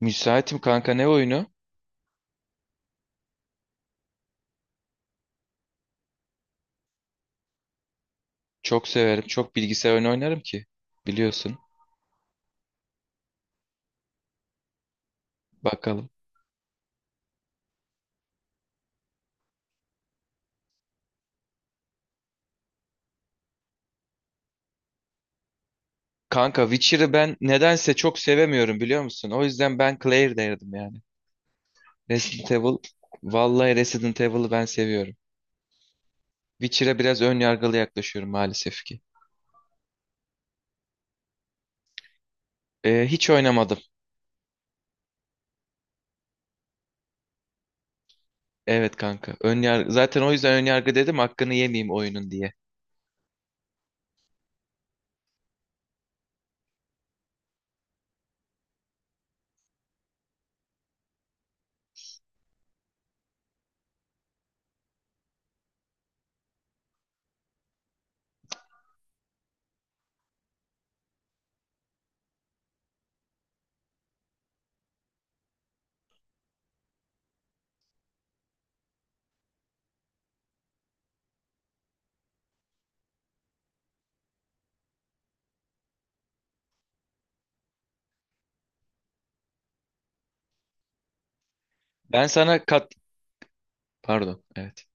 Müsaitim kanka ne oyunu? Çok severim. Çok bilgisayar oyunu oynarım ki. Biliyorsun. Bakalım. Kanka Witcher'ı ben nedense çok sevemiyorum biliyor musun? O yüzden ben Claire derdim yani. Resident Evil. Vallahi Resident Evil'ı ben seviyorum. Witcher'a biraz ön yargılı yaklaşıyorum maalesef ki. Hiç oynamadım. Evet kanka. Ön yargı. Zaten o yüzden ön yargı dedim hakkını yemeyeyim oyunun diye. Ben sana kat... Pardon. Evet.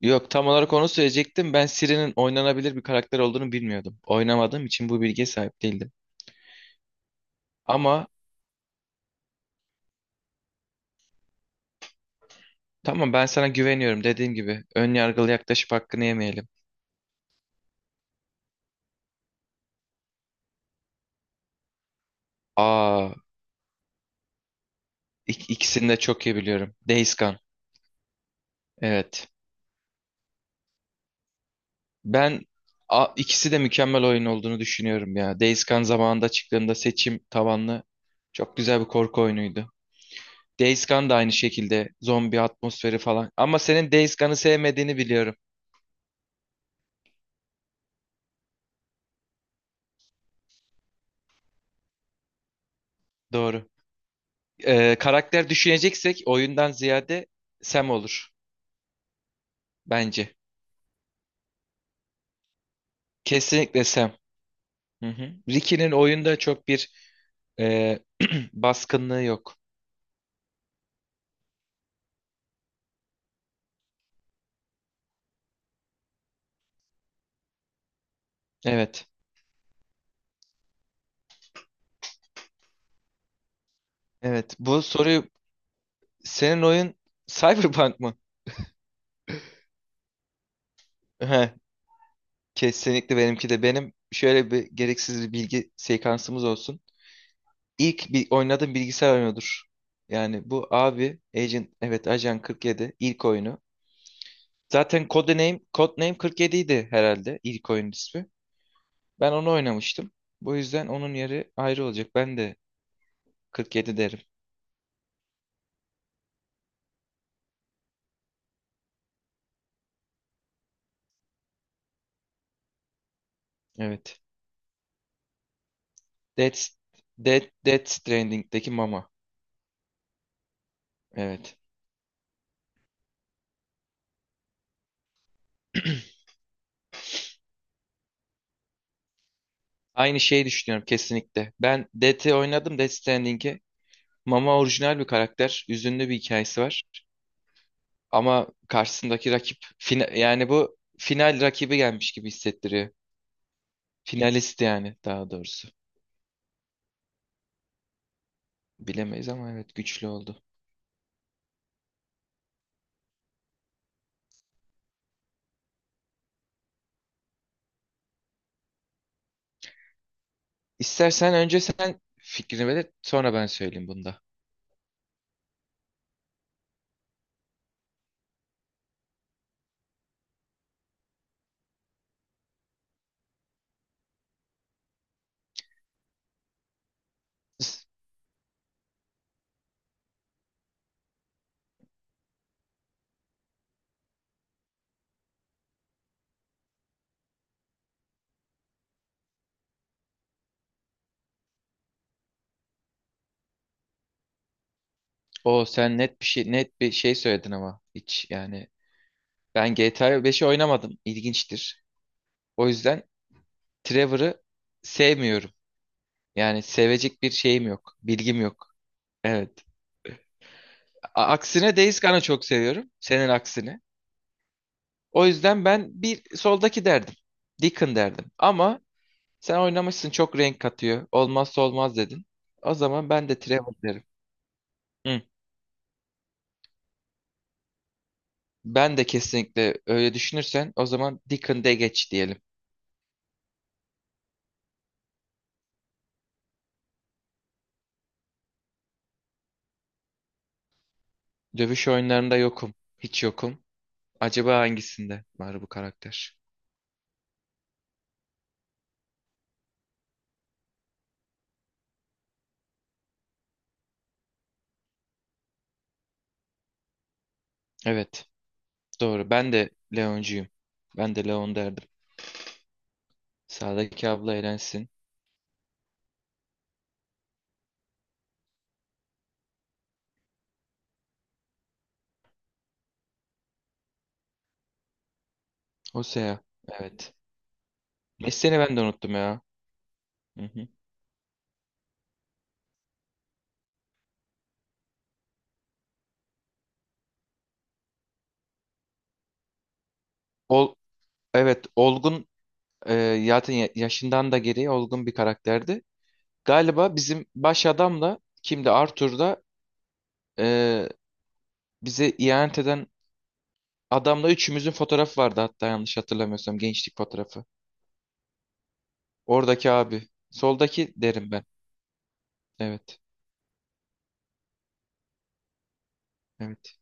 Yok tam olarak onu söyleyecektim. Ben Siri'nin oynanabilir bir karakter olduğunu bilmiyordum. Oynamadığım için bu bilgiye sahip değildim. Ama tamam ben sana güveniyorum dediğim gibi. Ön yargılı yaklaşıp hakkını yemeyelim. Aa, ikisini de çok iyi biliyorum. Days Gone. Evet. Ben ikisi de mükemmel oyun olduğunu düşünüyorum ya. Days Gone zamanında çıktığında seçim tabanlı çok güzel bir korku oyunuydu. Days Gone da aynı şekilde zombi atmosferi falan. Ama senin Days Gone'ı sevmediğini biliyorum. Doğru. Karakter düşüneceksek oyundan ziyade Sam olur bence. Kesinlikle Sam. Hı hı. Ricky'nin oyunda çok bir e, baskınlığı yok. Evet. Evet. Bu soruyu senin oyun Cyberpunk mı? Heh, kesinlikle benimki de. Benim şöyle bir gereksiz bir bilgi sekansımız olsun. İlk bir oynadığım bilgisayar oyunudur. Yani bu abi Agent evet Ajan 47 ilk oyunu. Zaten Codename 47 idi herhalde ilk oyun ismi. Ben onu oynamıştım. Bu yüzden onun yeri ayrı olacak. Ben de 47 derim. Evet. Death, Death Stranding'deki Mama. Evet. Aynı şeyi düşünüyorum kesinlikle. Ben Death'i oynadım Death Stranding'i. Mama orijinal bir karakter. Üzünlü bir hikayesi var. Ama karşısındaki rakip yani bu final rakibi gelmiş gibi hissettiriyor. Finalist yani daha doğrusu. Bilemeyiz ama evet güçlü oldu. İstersen önce sen fikrini belirt sonra ben söyleyeyim bunda. O sen net bir şey net bir şey söyledin ama hiç yani ben GTA 5'i oynamadım ilginçtir. O yüzden Trevor'ı sevmiyorum. Yani sevecek bir şeyim yok, bilgim yok. Evet. Aksine Days Gone'ı çok seviyorum senin aksine. O yüzden ben bir soldaki derdim. Deacon derdim. Ama sen oynamışsın çok renk katıyor. Olmazsa olmaz dedin. O zaman ben de Trevor derim. Hı. Ben de kesinlikle öyle düşünürsen o zaman Deacon de geç diyelim. Dövüş oyunlarında yokum. Hiç yokum. Acaba hangisinde var bu karakter? Evet. Doğru. Ben de Leoncuyum. Ben de Leon derdim. Sağdaki abla eğlensin. O Osea. Evet. Mesleğini ben de unuttum ya. Hı hı. Ol evet. Olgun zaten yaşından da geriye olgun bir karakterdi. Galiba bizim baş adamla kimdi? Arthur'da e, bize ihanet eden adamla üçümüzün fotoğrafı vardı hatta yanlış hatırlamıyorsam gençlik fotoğrafı. Oradaki abi. Soldaki derim ben. Evet. Evet.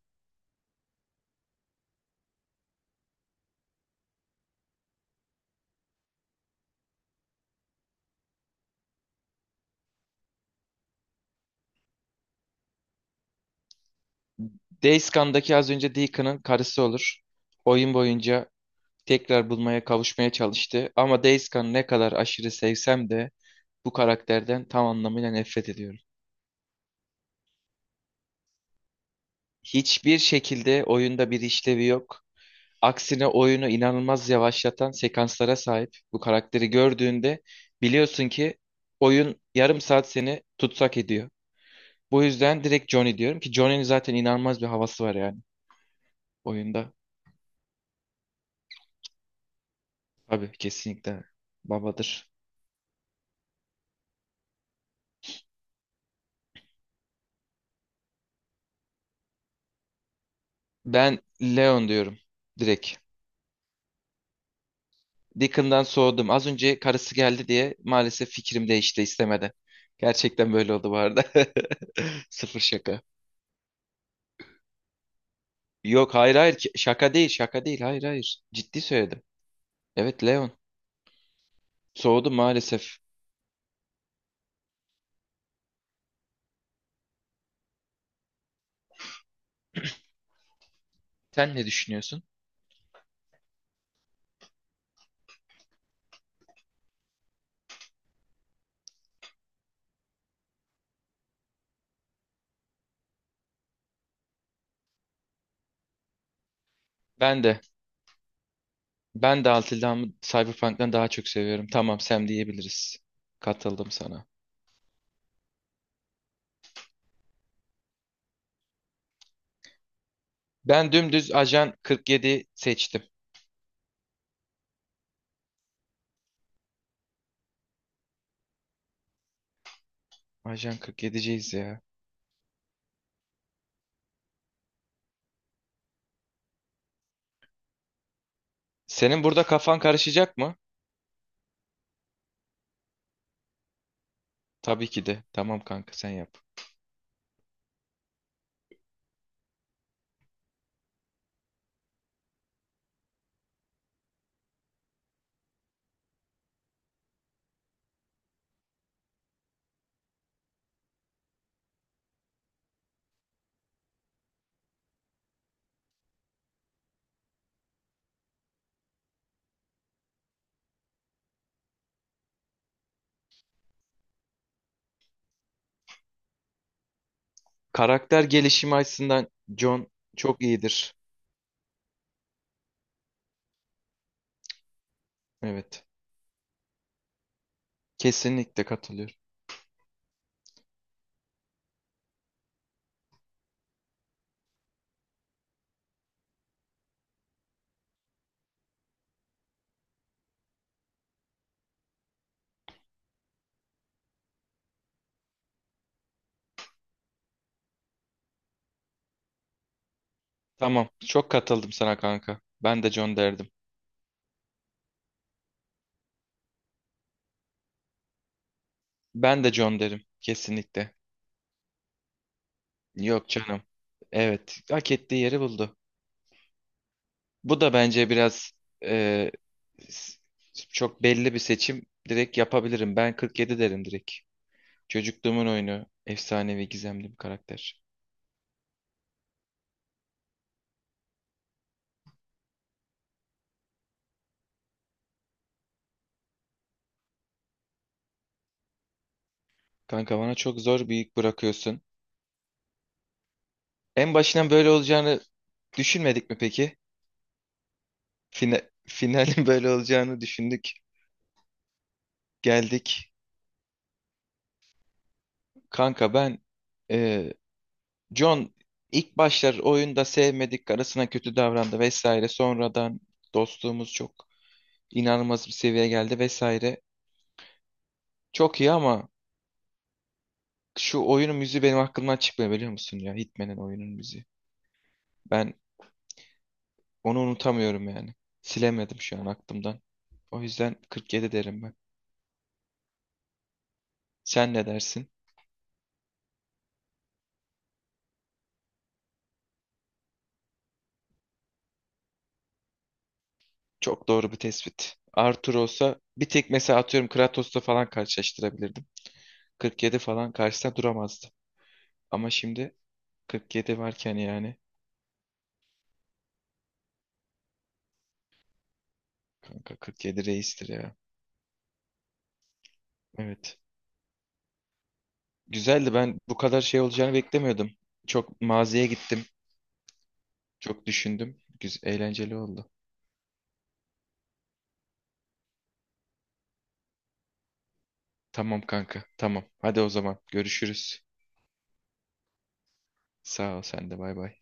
Dayscan'daki az önce Deacon'ın karısı olur. Oyun boyunca tekrar bulmaya kavuşmaya çalıştı. Ama Dayscan ne kadar aşırı sevsem de bu karakterden tam anlamıyla nefret ediyorum. Hiçbir şekilde oyunda bir işlevi yok. Aksine oyunu inanılmaz yavaşlatan sekanslara sahip. Bu karakteri gördüğünde biliyorsun ki oyun yarım saat seni tutsak ediyor. Bu yüzden direkt Johnny diyorum ki Johnny'nin zaten inanılmaz bir havası var yani oyunda. Tabii kesinlikle babadır. Ben Leon diyorum direkt. Deacon'dan soğudum. Az önce karısı geldi diye maalesef fikrim değişti istemeden. Gerçekten böyle oldu bu arada. Sıfır şaka. Yok hayır hayır şaka değil şaka değil hayır hayır. Ciddi söyledim. Evet Leon soğudum maalesef. Sen ne düşünüyorsun? Ben de ben de Altıldam'ı Cyberpunk'tan daha çok seviyorum. Tamam Sam diyebiliriz. Katıldım sana. Ben dümdüz Ajan 47 seçtim. Ajan 47'ciyiz ya. Senin burada kafan karışacak mı? Tabii ki de. Tamam kanka sen yap. Karakter gelişimi açısından John çok iyidir. Evet. Kesinlikle katılıyorum. Tamam. Çok katıldım sana kanka. Ben de John derdim. Ben de John derim. Kesinlikle. Yok canım. Evet. Hak ettiği yeri buldu. Bu da bence biraz e, s- çok belli bir seçim. Direkt yapabilirim. Ben 47 derim direkt. Çocukluğumun oyunu. Efsanevi gizemli bir karakter. Kanka bana çok zor bir yük bırakıyorsun. En başından böyle olacağını düşünmedik mi peki? Finalin böyle olacağını düşündük. Geldik. Kanka ben e, John ilk başlar oyunda sevmedik. Karısına kötü davrandı vesaire. Sonradan dostluğumuz çok inanılmaz bir seviyeye geldi vesaire. Çok iyi ama şu oyunun müziği benim aklımdan çıkmıyor biliyor musun ya? Hitman'in oyunun müziği. Ben onu unutamıyorum yani. Silemedim şu an aklımdan. O yüzden 47 derim ben. Sen ne dersin? Çok doğru bir tespit. Arthur olsa bir tek mesela atıyorum Kratos'la falan karşılaştırabilirdim. 47 falan karşısında duramazdı. Ama şimdi 47 varken yani kanka 47 reistir ya. Evet. Güzeldi ben bu kadar şey olacağını beklemiyordum. Çok maziye gittim. Çok düşündüm. Güzel, eğlenceli oldu. Tamam kanka tamam. Hadi o zaman görüşürüz. Sağ ol sen de bay bay.